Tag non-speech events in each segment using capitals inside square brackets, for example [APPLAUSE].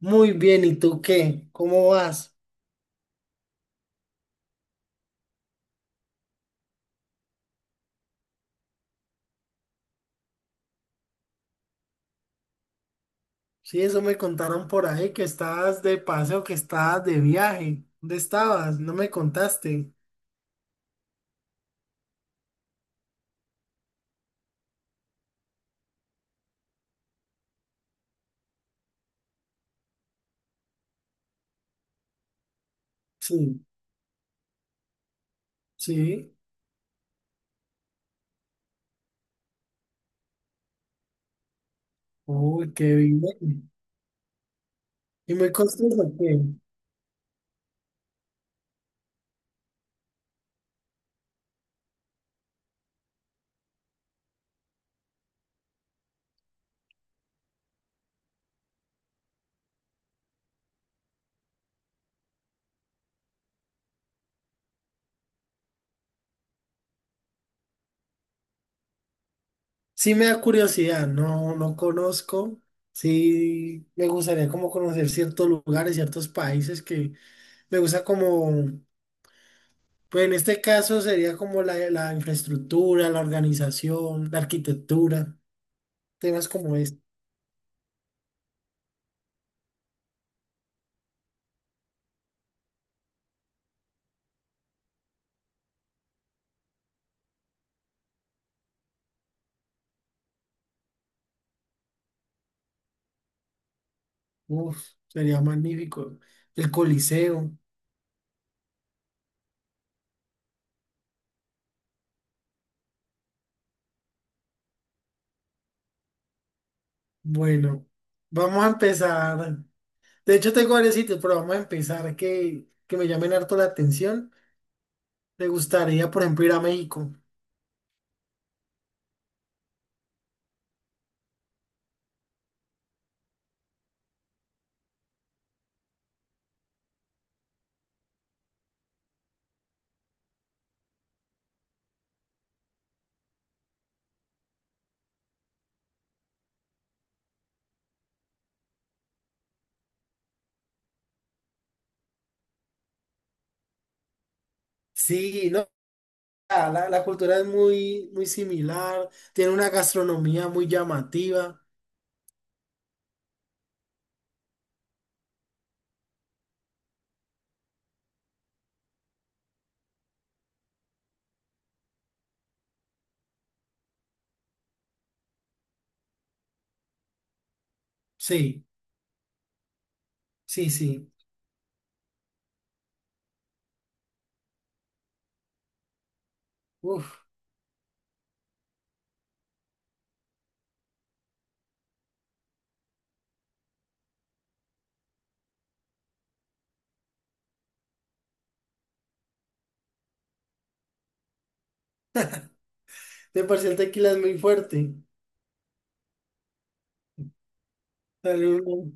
Muy bien, ¿y tú qué? ¿Cómo vas? Sí, eso me contaron por ahí, que estabas de paseo, que estabas de viaje. ¿Dónde estabas? No me contaste. Sí, sí. Uy, qué bien. ¿Y me costas o qué? Sí me da curiosidad, no, no conozco. Sí, me gustaría como conocer ciertos lugares, ciertos países que me gusta como, pues en este caso sería como la- la infraestructura, la organización, la arquitectura, temas como este. Uf, sería magnífico. El Coliseo. Bueno, vamos a empezar. De hecho, tengo varios sitios, pero vamos a empezar que me llamen harto la atención. Me gustaría, por ejemplo, ir a México. Sí, no, la cultura es muy similar. Tiene una gastronomía muy llamativa. Sí, sí, sí. Uf, de por sí el tequila es muy fuerte. Sale uno-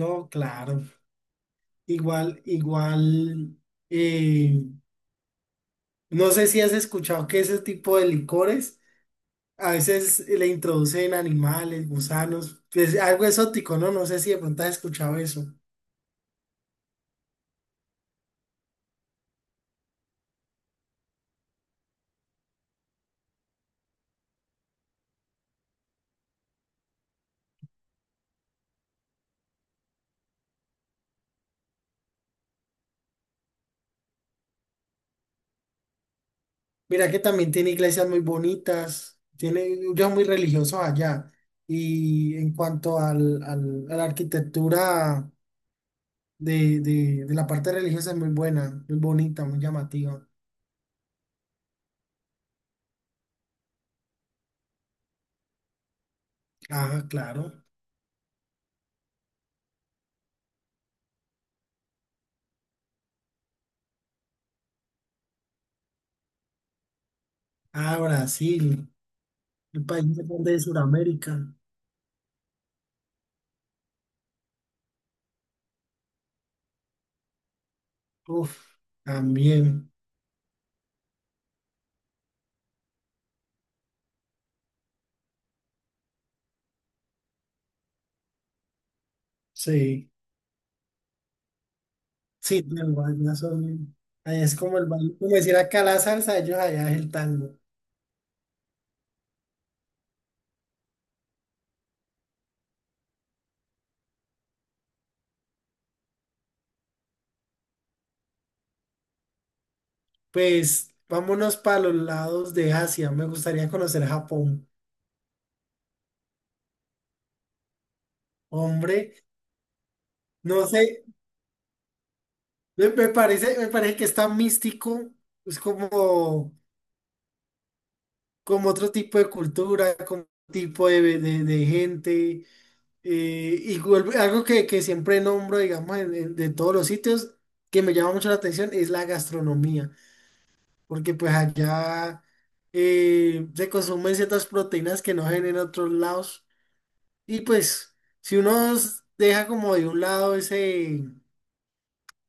No, claro. Igual, igual. eh, No sé si has escuchado que ese tipo de licores a veces le introducen animales, gusanos, pues algo exótico, ¿no? No sé si de pronto has escuchado eso. Mira que también tiene iglesias muy bonitas, tiene, yo muy religioso allá. Y en cuanto a la arquitectura de la parte religiosa es muy buena, muy bonita, muy llamativa. Ah, claro. Ah, Brasil, el país más grande de Sudamérica. Uf, también, sí. Sí, el vallenato son- allá es como el baile, como decir acá la salsa, ellos allá es el tango. Pues vámonos para los lados de Asia, me gustaría conocer Japón. Hombre, no sé, me parece, me parece que está místico, es como, como otro tipo de cultura, como otro tipo de gente. Y vuelve- algo que siempre nombro, digamos, de todos los sitios, que me llama mucho la atención, es la gastronomía. Porque pues allá se consumen ciertas proteínas que no hay en otros lados. Y pues, si uno s- deja como de un lado ese,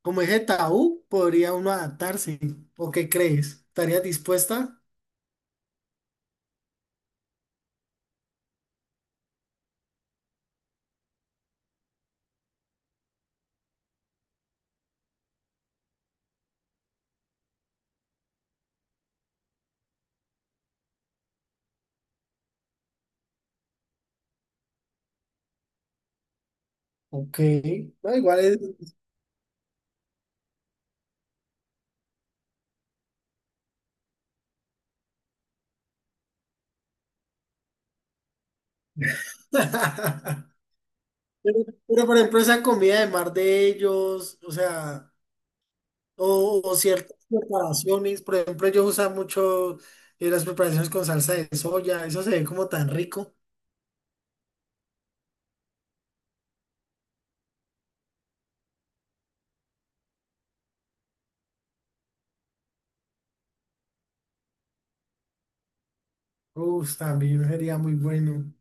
como ese tabú, podría uno adaptarse. ¿O qué crees? ¿Estarías dispuesta? Ok, no, igual es... [LAUGHS] Pero, pero, por ejemplo, esa comida de mar de ellos, o sea, o ciertas preparaciones, por ejemplo, ellos usan mucho las preparaciones con salsa de soya, eso se ve como tan rico. Uf, también sería muy bueno.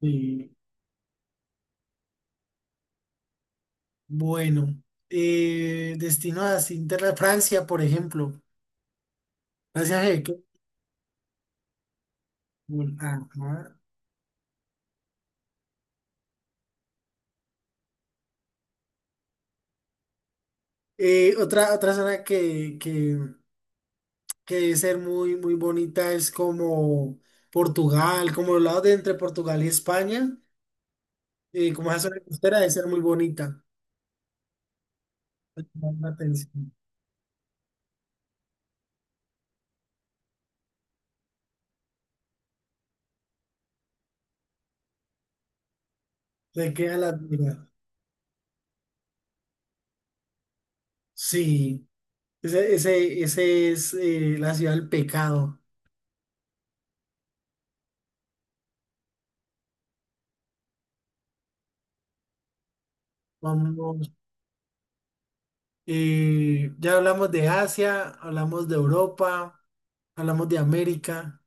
Sí. Bueno, destino a Inglaterra, Francia, por ejemplo. Francia, ¿qué? Qué- Bueno, ajá. Otra zona que debe ser muy bonita es como Portugal, como los lados de entre Portugal y España, como esa zona costera debe ser muy bonita. Llama la atención. Se queda la duda. Sí, ese es la ciudad del pecado. Vamos. Y ya hablamos de Asia, hablamos de Europa, hablamos de América.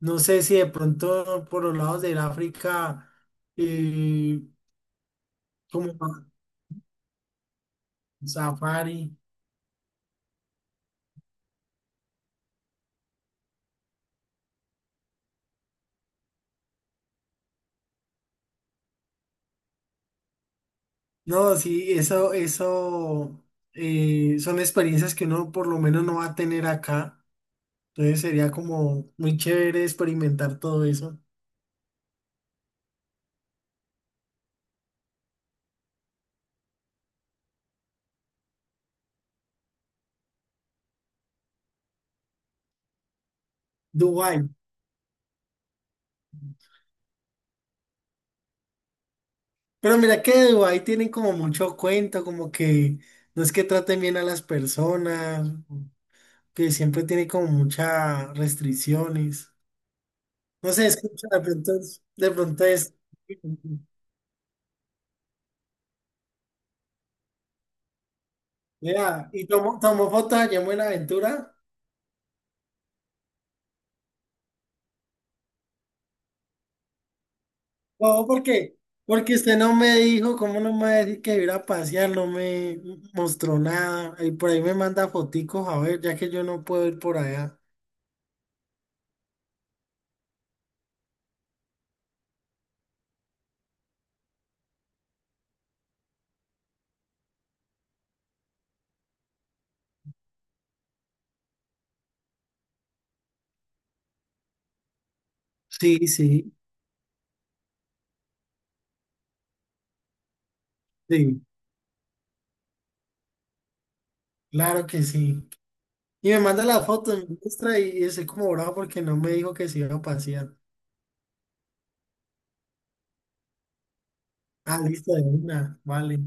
No sé si de pronto por los lados del África, eh, como safari. No, sí, eso son experiencias que uno por lo menos no va a tener acá. Entonces sería como muy chévere experimentar todo eso. Dubái. Pero mira que de Dubái tienen como mucho cuento, como que no es que traten bien a las personas, que siempre tiene como muchas restricciones. No sé, escucha, de pronto es, vea, y tomó, tomó fotos allá en Buenaventura. No, ¿por qué? Porque usted no me dijo, ¿cómo no me va a decir que iba a pasear? No me mostró nada. Y por ahí me manda foticos, a ver, ya que yo no puedo ir por allá. Sí, sí, sí, claro que sí. Y me manda las fotos, me muestra y estoy como bravo porque no me dijo que se iba a pasear. Ah, listo, de una, vale.